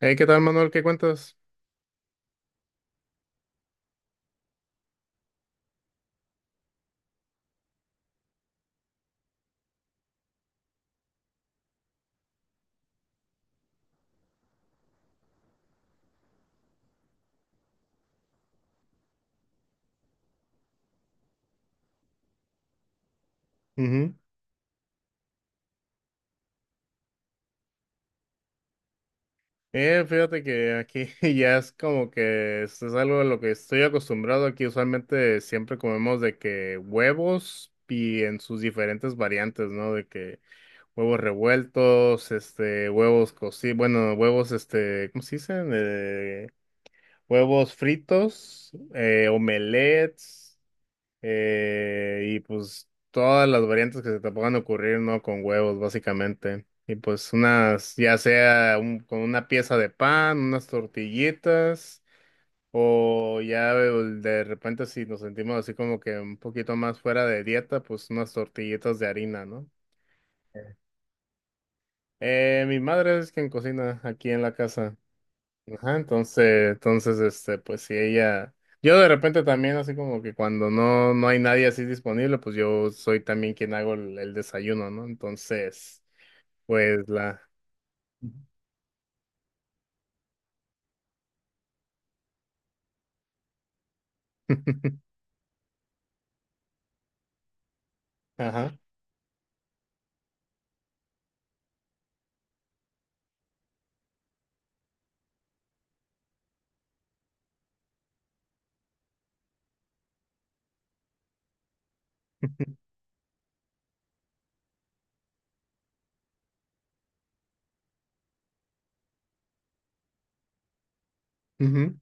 Hey, ¿qué tal, Manuel? ¿Qué cuentas? Ujú. Fíjate que aquí ya es como que esto es algo a lo que estoy acostumbrado. Aquí usualmente siempre comemos de que huevos y en sus diferentes variantes, ¿no? De que huevos revueltos, este, huevos cocidos, bueno, huevos, este, ¿cómo se dicen? Huevos fritos, omelets. Y pues todas las variantes que se te puedan ocurrir, ¿no? Con huevos, básicamente. Y pues unas, ya sea con una pieza de pan, unas tortillitas, o ya de repente si nos sentimos así como que un poquito más fuera de dieta, pues unas tortillitas de harina, ¿no? Mi madre es quien cocina aquí en la casa. Ajá, entonces, este, pues si ella, yo de repente también así como que cuando no hay nadie así disponible, pues yo soy también quien hago el desayuno, ¿no? Entonces, pues ajá, ujú.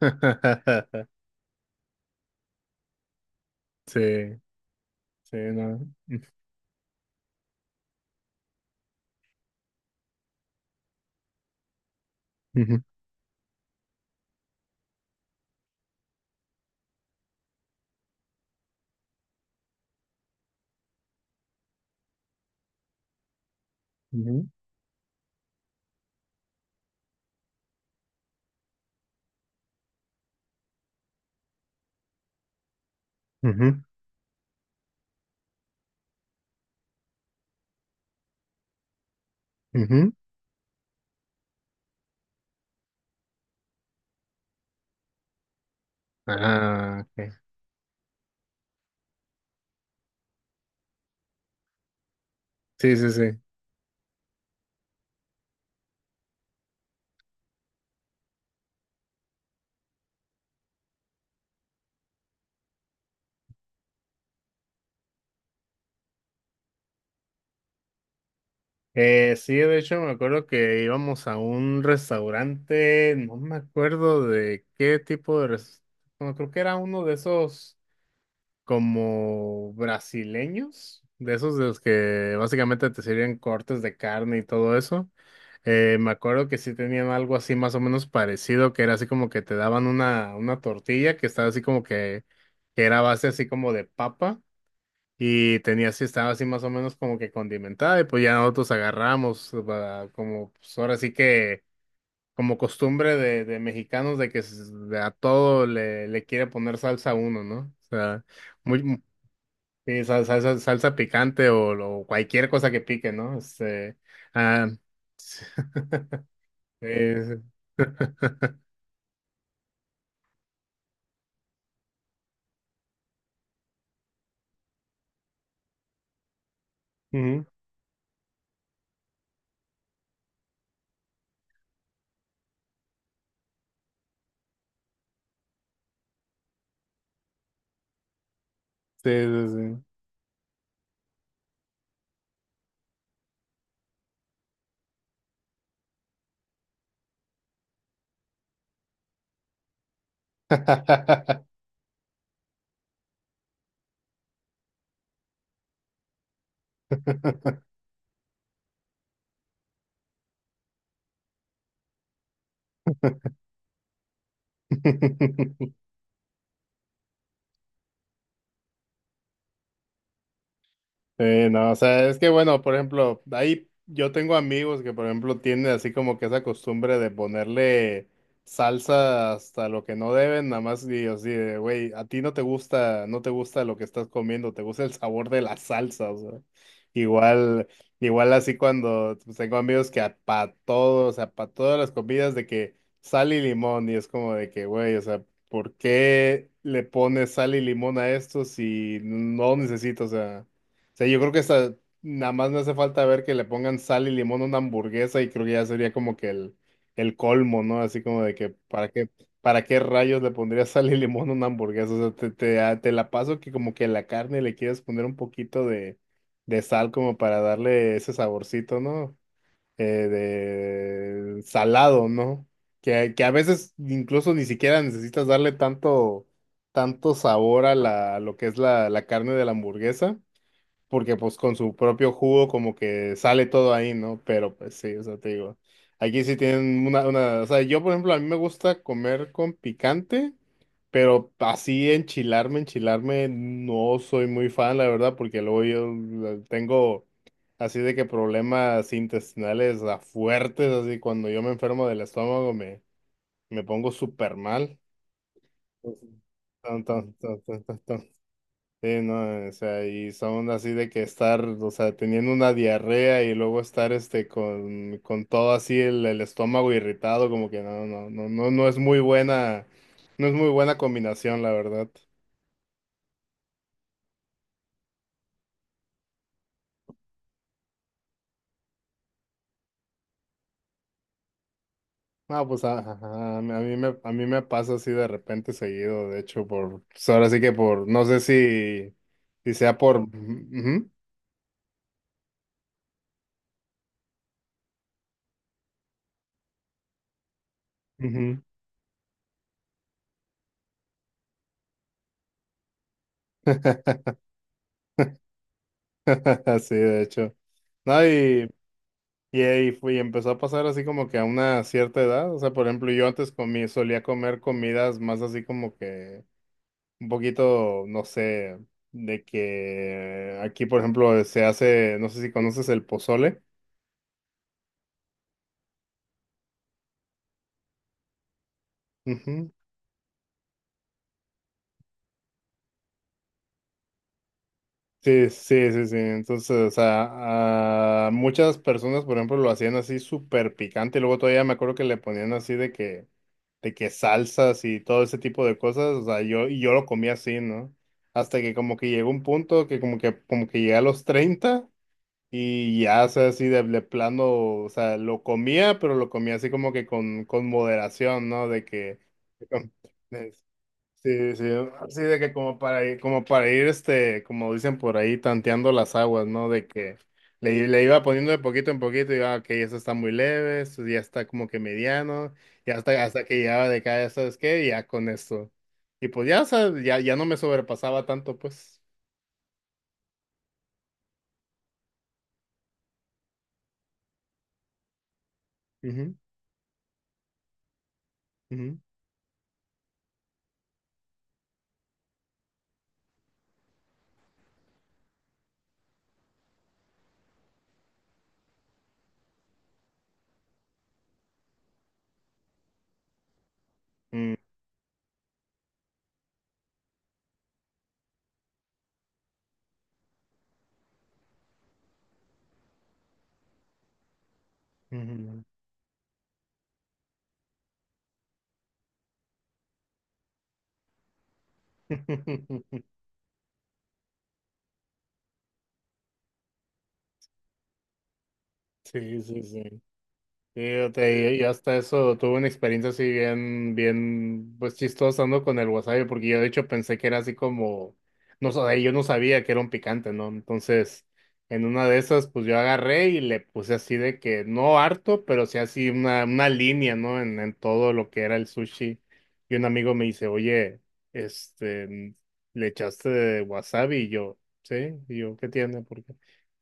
Sí, sí, no. Ujú, ujú, ujú, ujú. Ah, ok. Sí, sí, sí. Sí, de hecho me acuerdo que íbamos a un restaurante, no me acuerdo de qué tipo de restaurante, creo que era uno de esos como brasileños, de esos de los que básicamente te sirven cortes de carne y todo eso. Me acuerdo que sí tenían algo así más o menos parecido, que era así como que te daban una tortilla que estaba así como que era base así como de papa. Y tenía así, estaba así más o menos como que condimentada, y pues ya nosotros agarramos, va, como pues ahora sí que, como costumbre de mexicanos, de a todo le quiere poner salsa a uno, ¿no? O sea, muy, mu- sí, salsa picante o, cualquier cosa que pique, ¿no? Este, ah, eh, Ujú. Sí, sí, sí. Sí, no, o sea, es que bueno, por ejemplo, ahí yo tengo amigos que, por ejemplo, tienen así como que esa costumbre de ponerle salsa hasta lo que no deben, nada más digo así de, güey, a ti no te gusta, no te gusta lo que estás comiendo, te gusta el sabor de la salsa, o sea, igual, igual así cuando pues, tengo amigos que para todo, o sea, para todas las comidas de que sal y limón, y es como de que, güey, o sea, ¿por qué le pones sal y limón a esto si no necesito, o sea? Sea, yo creo que hasta nada más me hace falta ver que le pongan sal y limón a una hamburguesa y creo que ya sería como que el colmo, ¿no? Así como de que, para qué rayos le pondrías sal y limón a una hamburguesa? O sea, te la paso que como que la carne le quieres poner un poquito de sal como para darle ese saborcito, ¿no? Eh, de salado, ¿no? Que a veces incluso ni siquiera necesitas darle tanto, tanto sabor a la, a lo que es la carne de la hamburguesa porque pues con su propio jugo como que sale todo ahí, ¿no? Pero pues sí, o sea, te digo, aquí sí tienen o sea, yo por ejemplo, a mí me gusta comer con picante, pero así enchilarme, enchilarme, no soy muy fan, la verdad, porque luego yo tengo así de que problemas intestinales fuertes, así cuando yo me enfermo del estómago me pongo súper mal. Entonces, tan, tan, tan, tan, tan, tan. Sí, no, o sea, y son así de que estar, o sea, teniendo una diarrea y luego estar este con todo así el estómago irritado, como que no, no, no, no, no es muy buena, no es muy buena combinación, la verdad. No, pues a mí me pasa así de repente seguido, de hecho, por, pues, ahora sí que por, no sé si, si sea por, ujú, ujú, ujú, de hecho. No, y ahí fue, y empezó a pasar así como que a una cierta edad. O sea, por ejemplo, yo antes comí, solía comer comidas más así como que un poquito, no sé, de que aquí, por ejemplo, se hace, no sé si conoces el pozole. Ujú. Sí, sí, sí, sí. Entonces, o sea, a muchas personas, por ejemplo, lo hacían así súper picante y luego todavía me acuerdo que le ponían así de que salsas y todo ese tipo de cosas. O sea, yo, y yo lo comía así, ¿no? Hasta que como que llegó un punto que como que llegué a los 30 y ya, o sea, así de plano, o sea, lo comía, pero lo comía así como que con moderación, ¿no? De que... Sí, sí, así de que como para ir, este, como dicen por ahí, tanteando las aguas, ¿no? De que le iba poniendo de poquito en poquito y iba, ok, eso está muy leve, esto ya está como que mediano, y hasta que llegaba de cada, ¿sabes qué? Y ya con esto. Y pues ya, o sea, ya, ya no me sobrepasaba tanto, pues. Ujú, ujú, mm, ujú. Sí, sí, sí. Fíjate, y hasta eso tuve una experiencia así bien, bien, pues chistosa, ¿no? Con el wasabi, porque yo de hecho pensé que era así como, no sé, yo no sabía que era un picante, ¿no? Entonces, en una de esas, pues yo agarré y le puse así de que, no harto, pero sí así una línea, ¿no? En todo lo que era el sushi. Y un amigo me dice, oye, este, ¿le echaste wasabi? Y yo, sí, y yo, ¿qué tiene?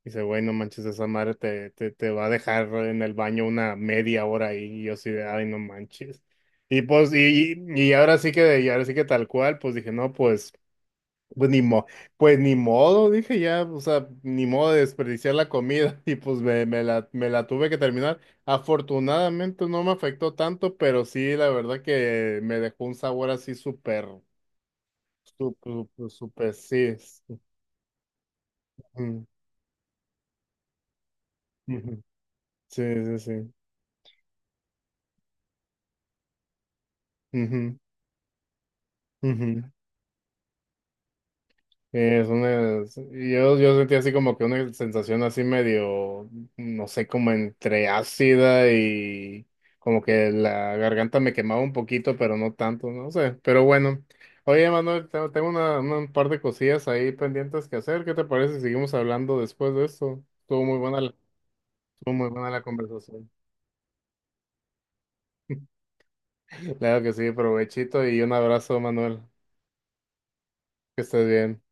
Dice, güey, no manches, esa madre te va a dejar en el baño una media hora ahí. Y yo así de, ay, no manches. Y pues, y ahora sí que, y ahora sí que tal cual, pues dije, no, pues, pues ni mo, pues ni modo, dije ya, o sea, ni modo de desperdiciar la comida. Y pues me la tuve que terminar. Afortunadamente no me afectó tanto, pero sí, la verdad que me dejó un sabor así súper, súper, súper, súper, sí. Ujú, ujú. Sí, sí, sí. Ujú, ujú. Sí, es una, yo sentí así como que una sensación así medio, no sé, como entre ácida y como que la garganta me quemaba un poquito, pero no tanto, no sé. Pero bueno, oye, Manuel, tengo un par de cosillas ahí pendientes que hacer. ¿Qué te parece si seguimos hablando después de esto? Estuvo muy buena la conversación. Claro que sí, provechito y un abrazo, Manuel. Que estés bien.